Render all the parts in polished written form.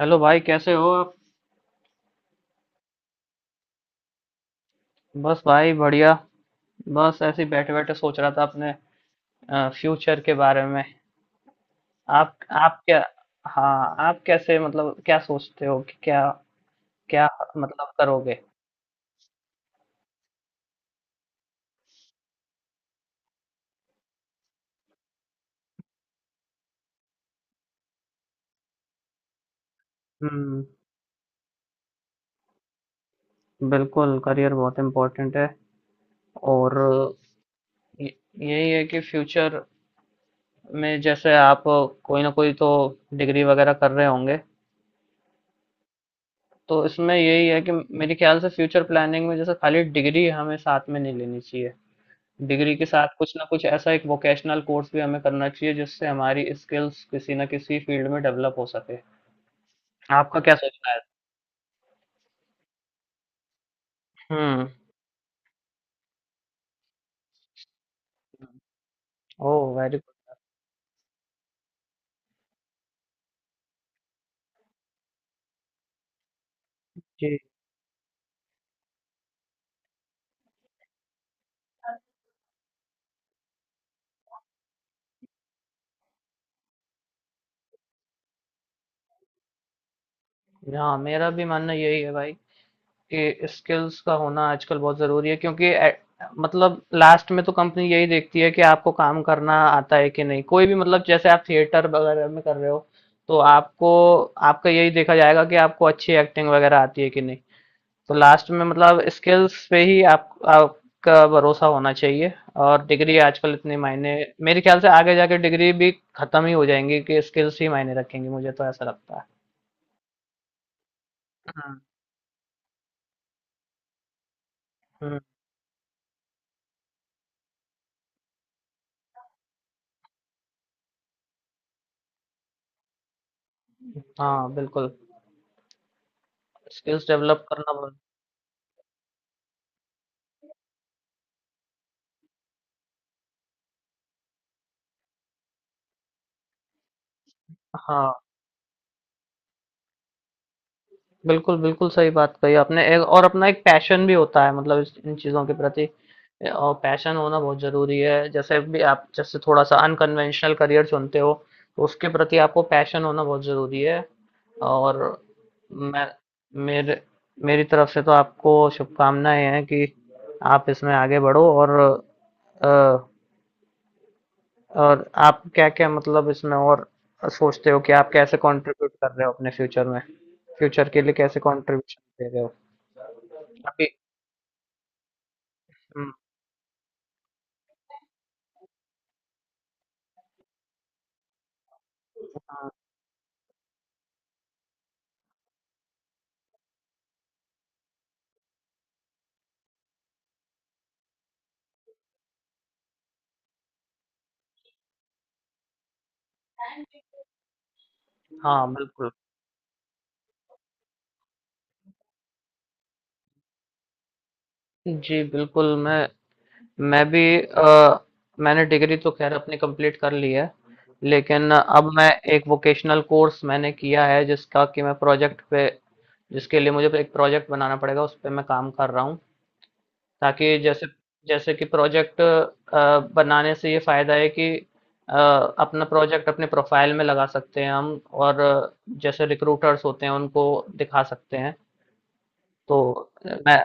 Hello भाई कैसे हो आप। बस भाई बढ़िया। बस ऐसे ही बैठे बैठे सोच रहा था अपने फ्यूचर के बारे में। आप क्या। हाँ आप कैसे मतलब क्या सोचते हो कि क्या। क्या मतलब करोगे। हम्म। बिल्कुल करियर बहुत इम्पोर्टेंट है। और य- यही है कि फ्यूचर में जैसे आप कोई ना कोई तो डिग्री वगैरह कर रहे होंगे। तो इसमें यही है कि मेरे ख्याल से फ्यूचर प्लानिंग में जैसे खाली डिग्री हमें साथ में नहीं लेनी चाहिए। डिग्री के साथ कुछ ना कुछ ऐसा एक वोकेशनल कोर्स भी हमें करना चाहिए, जिससे हमारी स्किल्स किसी न किसी फील्ड में डेवलप हो सके। आपका क्या सोचना है? हुँ। ओह! Very good. जी। हाँ, मेरा भी मानना यही है भाई कि स्किल्स का होना आजकल बहुत ज़रूरी है क्योंकि ए मतलब लास्ट में तो कंपनी यही देखती है कि आपको काम करना आता है कि नहीं। कोई भी मतलब जैसे आप थिएटर वगैरह में कर रहे हो, तो आपको आपका यही देखा जाएगा कि आपको अच्छी एक्टिंग वगैरह आती है कि नहीं। तो लास्ट में मतलब स्किल्स पे ही आप आपका भरोसा होना चाहिए। और डिग्री आजकल इतनी मायने, मेरे ख्याल से आगे जाके डिग्री भी खत्म ही हो जाएंगी कि स्किल्स ही मायने रखेंगी, मुझे तो ऐसा लगता है। हम्म। हम्म। हाँ बिल्कुल, स्किल्स डेवलप करना बहुत। हाँ बिल्कुल, बिल्कुल सही बात कही आपने। ए और अपना एक पैशन भी होता है मतलब इस इन चीज़ों के प्रति। और पैशन होना बहुत ज़रूरी है। जैसे भी आप जैसे थोड़ा-सा अनकन्वेंशनल करियर चुनते हो, तो उसके प्रति आपको पैशन होना बहुत ज़रूरी है। और मैं मेरे मेरी तरफ से तो आपको शुभकामनाएँ हैं कि आप इसमें आगे बढ़ो। और अ और आप क्या-क्या मतलब इसमें और सोचते हो कि आप कैसे कंट्रीब्यूट कर रहे हो अपने फ्यूचर में? फ्यूचर के लिए कैसे कंट्रीब्यूशन दे रहे हो? अभी। हुँ, हाँ, हाँ, बिल्कुल। जी, बिल्कुल, मैं भी, मैंने डिग्री तो ख़ैर अपनी कंप्लीट कर ली है, लेकिन अब मैं एक वोकेशनल कोर्स मैंने किया है जिसका कि मैं प्रोजेक्ट पे, जिसके लिए मुझे एक प्रोजेक्ट बनाना पड़ेगा, उस पे मैं काम कर रहा हूँ। ताकि जैसे जैसे कि प्रोजेक्ट बनाने से ये फायदा है कि, अ, अपना प्रोजेक्ट अपने प्रोफाइल में लगा सकते हैं हम। और जैसे रिक्रूटर्स होते हैं उनको दिखा सकते हैं। तो मैं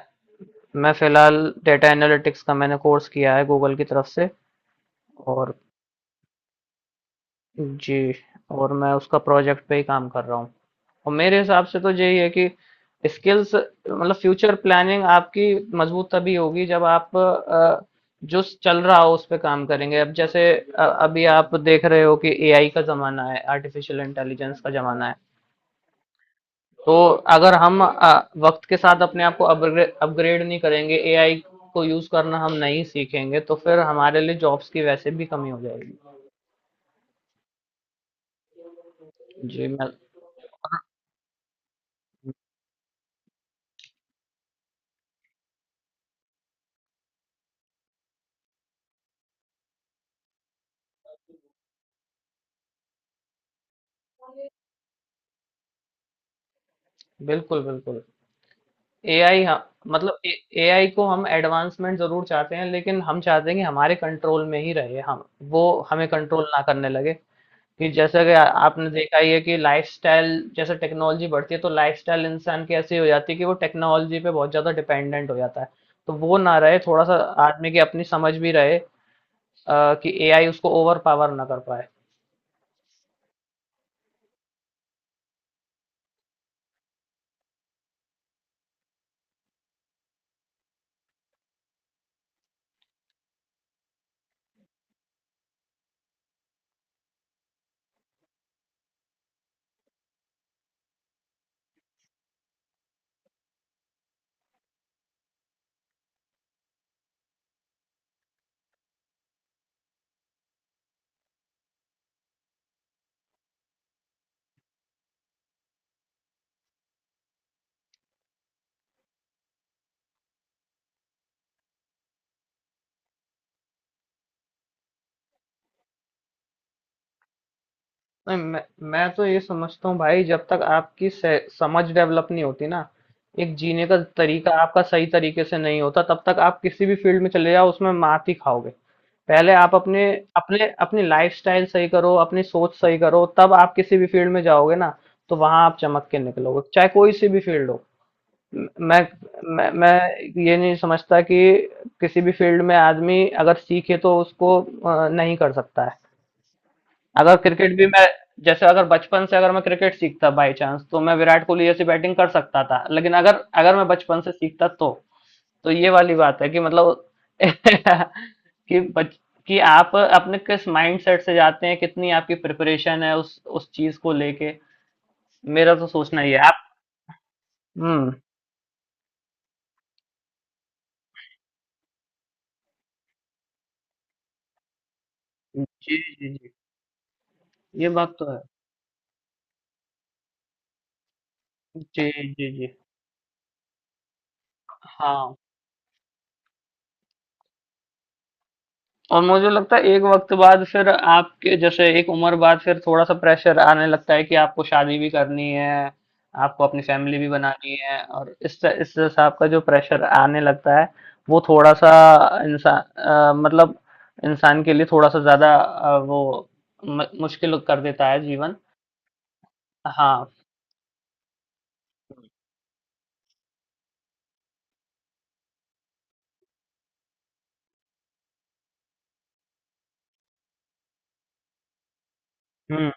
मैं फिलहाल डेटा एनालिटिक्स का मैंने कोर्स किया है गूगल की तरफ से। और जी, और मैं उसका प्रोजेक्ट पे ही काम कर रहा हूँ। और मेरे हिसाब से तो यही है कि स्किल्स मतलब फ्यूचर प्लानिंग आपकी मजबूत तभी होगी जब आप, जो चल रहा हो उस पे काम करेंगे। अब जैसे अभी आप देख रहे हो कि एआई का जमाना है, आर्टिफिशियल इंटेलिजेंस का जमाना है। तो अगर हम वक्त के साथ अपने आप को अपग्रेड अपग्रेड नहीं करेंगे, एआई को यूज करना हम नहीं सीखेंगे, तो फिर हमारे लिए जॉब्स की वैसे भी कमी हो जाएगी। जी मैं, बिल्कुल बिल्कुल। एआई हाँ, मतलब एआई को हम एडवांसमेंट जरूर चाहते हैं लेकिन हम चाहते हैं कि हमारे कंट्रोल में ही रहे, हम वो, हमें कंट्रोल ना करने लगे। कि जैसे कि आपने देखा ही है कि लाइफस्टाइल, जैसे टेक्नोलॉजी बढ़ती है तो लाइफस्टाइल इंसान की ऐसी हो जाती है कि वो टेक्नोलॉजी पे बहुत ज्यादा डिपेंडेंट हो जाता है। तो वो ना रहे थोड़ा सा, आदमी की अपनी समझ भी रहे, कि एआई उसको ओवर पावर ना कर पाए। नहीं, मैं तो ये समझता हूँ भाई, जब तक आपकी समझ डेवलप नहीं होती ना, एक जीने का तरीका आपका सही तरीके से नहीं होता, तब तक आप किसी भी फील्ड में चले जाओ उसमें मात ही खाओगे। पहले आप अपने अपने अपनी लाइफस्टाइल सही करो, अपनी सोच सही करो, तब आप किसी भी फील्ड में जाओगे ना, तो वहां आप चमक के निकलोगे चाहे कोई सी भी फील्ड हो। म- मैं मैं ये नहीं समझता कि किसी भी फील्ड में आदमी अगर सीखे तो उसको, नहीं कर सकता है। अगर क्रिकेट भी मैं, जैसे अगर बचपन से अगर मैं क्रिकेट सीखता बाय चांस तो मैं विराट कोहली जैसी बैटिंग कर सकता था, लेकिन अगर, अगर मैं बचपन से सीखता तो ये वाली बात है कि मतलब कि बच कि आप अपने किस माइंड सेट से जाते हैं, कितनी आपकी प्रिपरेशन है उस चीज को लेके। मेरा तो सोचना ही है आप। हम्म। जी जी जी। ये बात तो है। जी जी जी। हाँ, और मुझे लगता है एक वक्त बाद फिर आपके जैसे एक उम्र बाद फिर थोड़ा-सा प्रेशर आने लगता है कि आपको शादी भी करनी है, आपको अपनी फैमिली भी बनानी है, और इस हिसाब का जो प्रेशर आने लगता है, वो थोड़ा-सा, इंसा अ, मतलब इंसान के लिए थोड़ा-सा ज़्यादा, वो म मुश्किल कर देता है जीवन। हाँ। हुँ,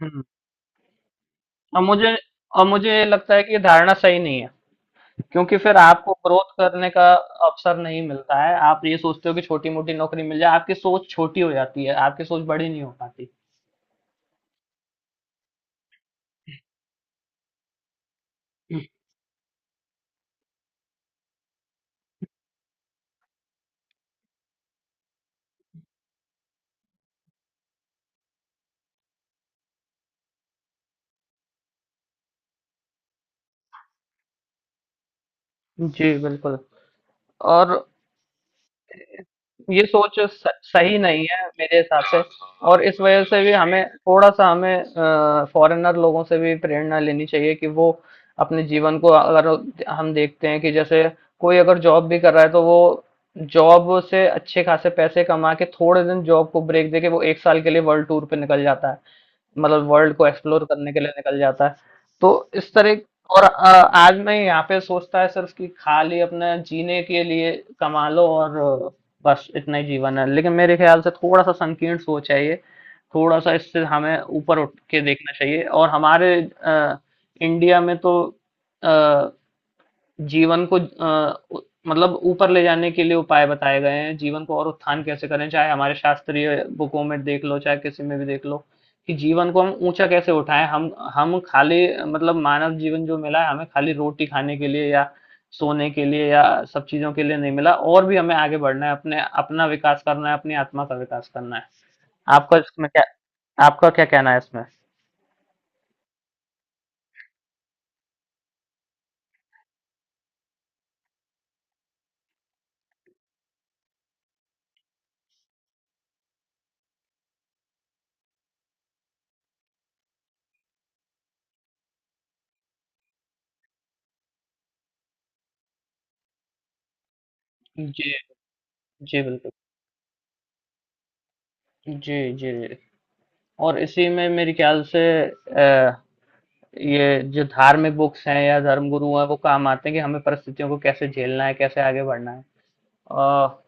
हुँ। और मुझे और मुझे लगता है कि ये धारणा सही नहीं है। क्योंकि फिर आपको ग्रोथ करने का अवसर नहीं मिलता है, आप ये सोचते हो कि छोटी मोटी नौकरी मिल जाए, आपकी सोच छोटी हो जाती है, आपकी सोच बड़ी नहीं हो पाती। जी बिल्कुल, और ये सोच सही नहीं है मेरे हिसाब से। और इस वजह से भी हमें थोड़ा सा हमें फॉरेनर लोगों से भी प्रेरणा लेनी चाहिए कि वो अपने जीवन को अगर, हम देखते हैं कि जैसे कोई अगर जॉब भी कर रहा है तो वो जॉब से अच्छे खासे पैसे कमा के थोड़े दिन जॉब को ब्रेक दे के वो एक साल के लिए वर्ल्ड टूर पे निकल जाता है, मतलब वर्ल्ड को एक्सप्लोर करने के लिए निकल जाता है। तो इस तरह, और आज मैं यहाँ पे सोचता है सिर्फ कि खाली अपने जीने के लिए कमा लो और, अ, बस इतना ही जीवन है, लेकिन मेरे ख्याल से थोड़ा सा संकीर्ण सोच है ये। थोड़ा सा इससे हमें ऊपर उठ के देखना चाहिए। और हमारे अ, इंडिया में तो अ, जीवन को अ, उ मतलब ऊपर ले जाने के लिए उपाय बताए गए हैं, जीवन को और उत्थान कैसे करें, चाहे हमारे शास्त्रीय बुकों में देख लो, चाहे किसी में भी देख लो, कि जीवन को हम ऊँचा कैसे उठाएँ। हम खाली मतलब मानव जीवन जो मिला है, हमें खाली रोटी खाने के लिए या सोने के लिए या सब चीज़ों के लिए नहीं मिला, और भी हमें आगे बढ़ना है, अपने अपना विकास करना है, अपनी आत्मा का विकास करना है। आपका इसमें क्या आपका क्या कहना है इसमें? जी, जी, बिल्कुल। जी, जी। जी। और इसी में मेरे ख्याल से अ ये जो धार्मिक बुक्स हैं या धर्म गुरु हैं वो काम आते हैं कि हमें परिस्थितियों को कैसे झेलना है, कैसे आगे बढ़ना है। और,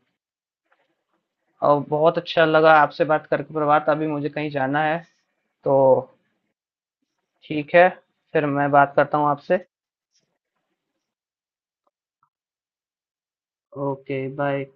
और बहुत अच्छा लगा आपसे बात करके प्रभात, अभी मुझे कहीं जाना है तो, ठीक है, फिर मैं बात करता हूँ आपसे। Okay bye.